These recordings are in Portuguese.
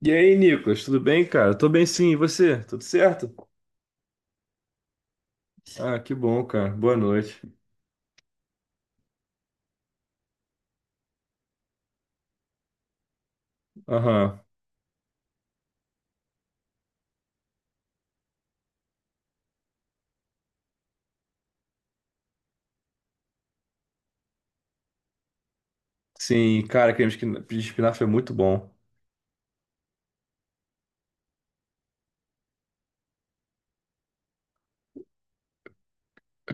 E aí, Nicolas, tudo bem, cara? Tô bem sim, e você? Tudo certo? Ah, que bom, cara. Boa noite. Aham. Sim, cara, creme de espinafre é muito bom.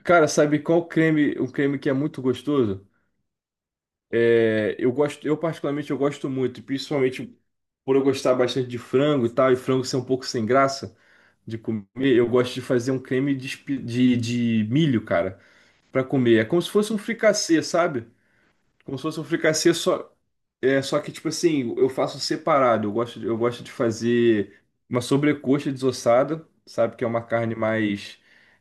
Cara, sabe qual creme, um creme que é muito gostoso? É, eu particularmente eu gosto muito, principalmente por eu gostar bastante de frango e tal, e frango ser um pouco sem graça de comer, eu gosto de fazer um creme de milho, cara, pra comer. É como se fosse um fricassê, sabe? Como se fosse um fricassê só. É, só que, tipo assim, eu faço separado. Eu gosto de fazer uma sobrecoxa desossada, sabe? Que é uma carne mais,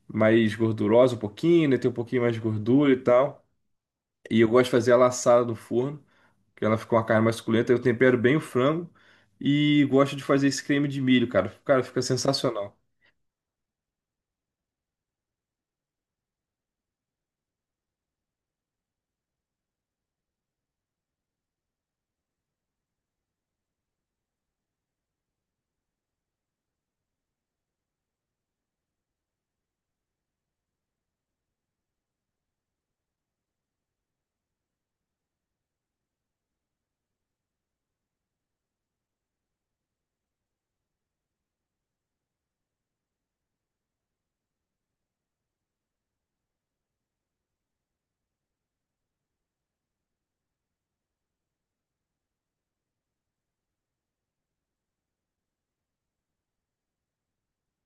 mais gordurosa um pouquinho, né? Tem um pouquinho mais de gordura e tal. E eu gosto de fazer ela assada no forno, que ela fica uma carne mais suculenta. Eu tempero bem o frango e gosto de fazer esse creme de milho, cara. Cara, fica sensacional.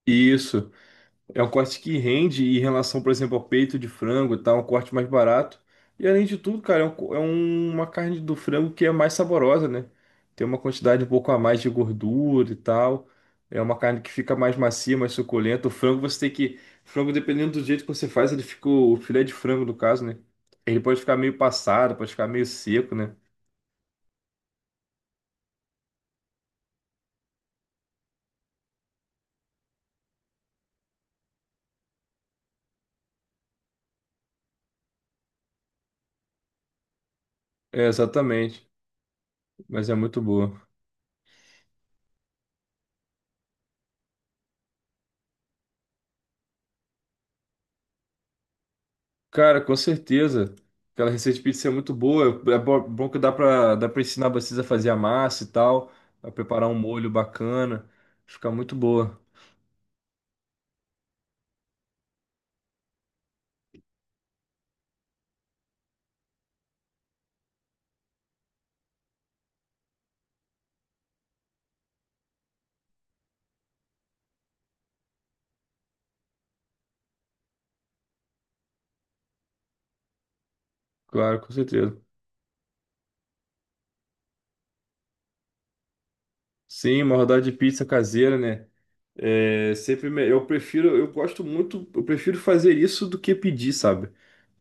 Isso. É um corte que rende em relação, por exemplo, ao peito de frango e tal, é um corte mais barato. E além de tudo, cara, é, uma carne do frango que é mais saborosa, né? Tem uma quantidade um pouco a mais de gordura e tal. É uma carne que fica mais macia, mais suculenta. O frango você tem que. Frango, dependendo do jeito que você faz, ele fica. O filé de frango, no caso, né? Ele pode ficar meio passado, pode ficar meio seco, né? É, exatamente. Mas é muito boa. Cara, com certeza. Aquela receita de pizza é muito boa. É bom que dá pra ensinar vocês a fazer a massa e tal, a preparar um molho bacana. Fica muito boa. Claro, com certeza. Sim, uma rodada de pizza caseira, né? É sempre eu prefiro, eu gosto muito, eu prefiro fazer isso do que pedir, sabe?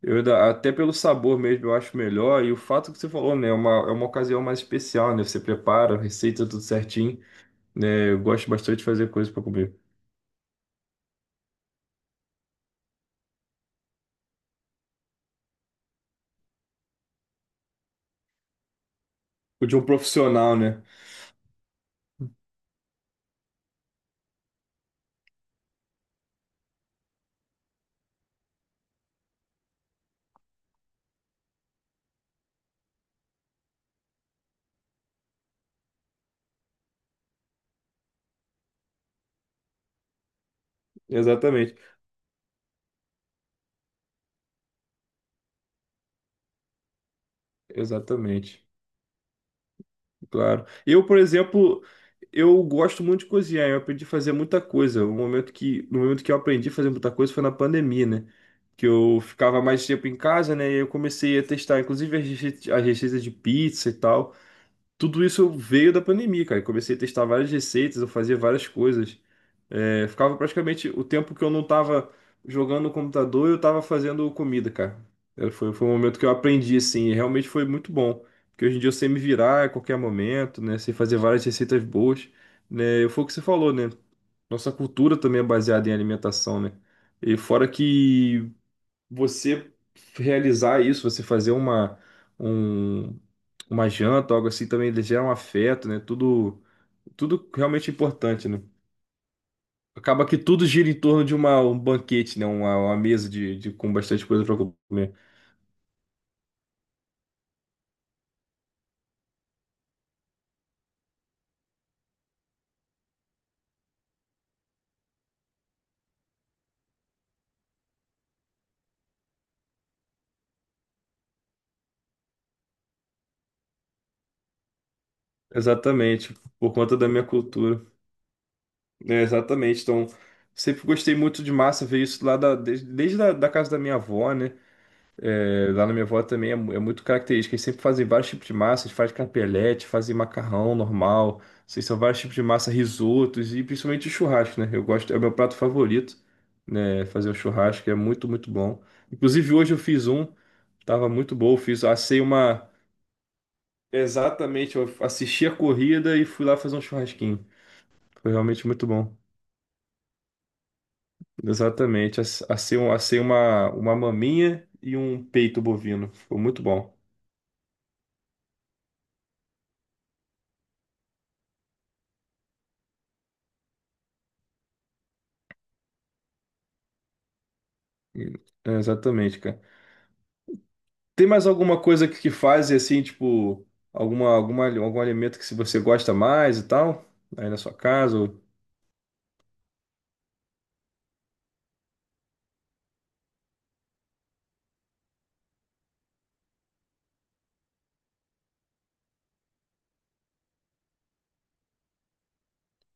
Até pelo sabor mesmo, eu acho melhor. E o fato que você falou, né? É uma ocasião mais especial, né? Você prepara, a receita tudo certinho, né? Eu gosto bastante de fazer coisa pra comer. O De um profissional, né? Exatamente, exatamente, claro. Eu, por exemplo, eu gosto muito de cozinhar, eu aprendi a fazer muita coisa. No momento que eu aprendi a fazer muita coisa foi na pandemia, né? Que eu ficava mais tempo em casa, né? E eu comecei a testar, inclusive, as receitas de pizza e tal. Tudo isso veio da pandemia, cara. Eu comecei a testar várias receitas, eu fazia várias coisas. É, ficava praticamente o tempo que eu não tava jogando no computador, eu tava fazendo comida, cara. É, foi um momento que eu aprendi, assim, e realmente foi muito bom. Porque hoje em dia eu sei me virar a qualquer momento, né? Sei fazer várias receitas boas, né? E foi o que você falou, né? Nossa cultura também é baseada em alimentação, né? E fora que você realizar isso, você fazer um- uma janta, algo assim, também ele gera um afeto, né? Tudo realmente importante, né? Acaba que tudo gira em torno de um banquete, né? Uma mesa de com bastante coisa para comer. Exatamente, por conta da minha cultura. É, exatamente. Então, sempre gostei muito de massa, ver isso lá da, desde, desde a, da casa da minha avó, né? É, lá na minha avó também é, é muito característica. Eles sempre fazem vários tipos de massa. Eles fazem capelete, fazem macarrão normal. Assim, são vários tipos de massa, risotos e principalmente o churrasco, né? Eu gosto, é o meu prato favorito, né? Fazer o churrasco é muito, muito bom. Inclusive hoje eu fiz um, tava muito bom. Eu fiz, assei uma. Exatamente, eu assisti a corrida e fui lá fazer um churrasquinho. Foi realmente muito bom. Exatamente, assei, assei uma maminha e um peito bovino. Ficou muito bom. É, exatamente, cara. Tem mais alguma coisa que faz assim, tipo, algum alimento que se você gosta mais e tal? Aí na sua casa? Ou-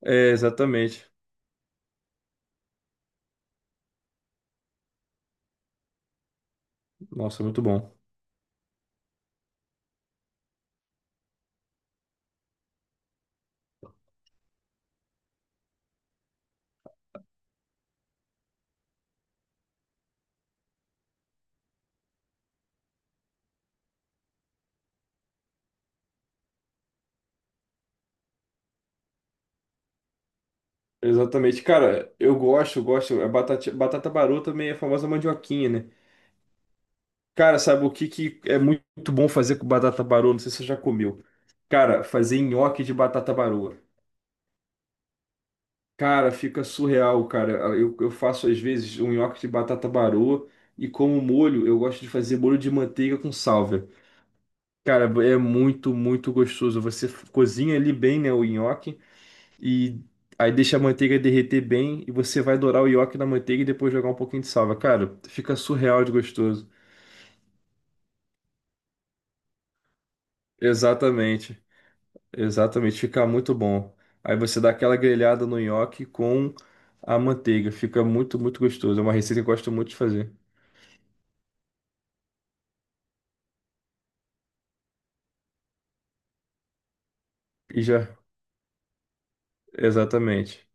É, exatamente. Nossa, muito bom. Exatamente. Cara, eu gosto, eu gosto. A batata, batata barô também é a famosa mandioquinha, né? Cara, sabe o que, que é muito bom fazer com batata barô? Não sei se você já comeu. Cara, fazer nhoque de batata baroa. Cara, fica surreal, cara. Eu faço às vezes um nhoque de batata baroa e como molho, eu gosto de fazer molho de manteiga com sálvia. Cara, é muito, muito gostoso. Você cozinha ali bem, né, o nhoque e aí deixa a manteiga derreter bem e você vai dourar o nhoque na manteiga e depois jogar um pouquinho de salva. Cara, fica surreal de gostoso. Exatamente. Exatamente, fica muito bom. Aí você dá aquela grelhada no nhoque com a manteiga. Fica muito, muito gostoso. É uma receita que eu gosto muito de fazer. E já, exatamente.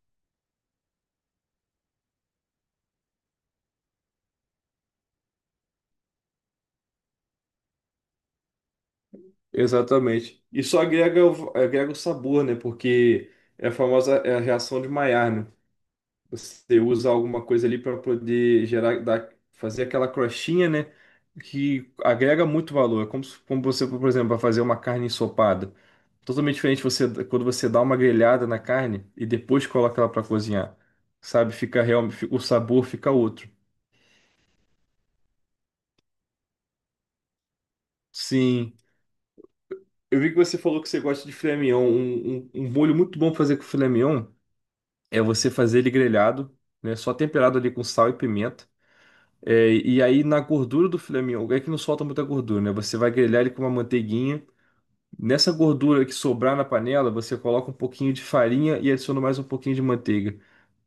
Exatamente. Isso agrega, agrega o sabor, né? Porque é a famosa é a reação de Maillard, né? Você usa alguma coisa ali para poder gerar, dar, fazer aquela crostinha, né? Que agrega muito valor. É como, como você, por exemplo, vai fazer uma carne ensopada. Totalmente diferente você quando você dá uma grelhada na carne e depois coloca ela para cozinhar. Sabe? Fica realmente, o sabor fica outro. Sim. Eu vi que você falou que você gosta de filé mignon. Um molho muito bom pra fazer com filé mignon é você fazer ele grelhado, né? Só temperado ali com sal e pimenta. É, e aí na gordura do filé mignon, é que não solta muita gordura, né? Você vai grelhar ele com uma manteiguinha. Nessa gordura que sobrar na panela, você coloca um pouquinho de farinha e adiciona mais um pouquinho de manteiga.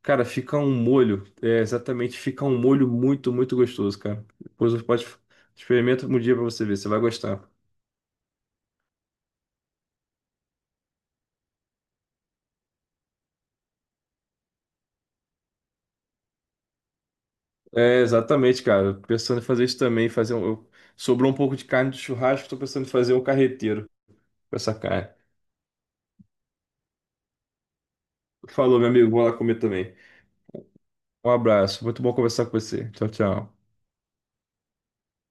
Cara, fica um molho, é, exatamente, fica um molho muito, muito gostoso, cara. Depois você pode experimenta um dia pra você ver, você vai gostar. É, exatamente, cara. Pensando em fazer isso também, fazer um... sobrou um pouco de carne do churrasco, tô pensando em fazer um carreteiro com essa carne. Falou, meu amigo, vou lá comer também. Um abraço, muito bom conversar com você. Tchau, tchau.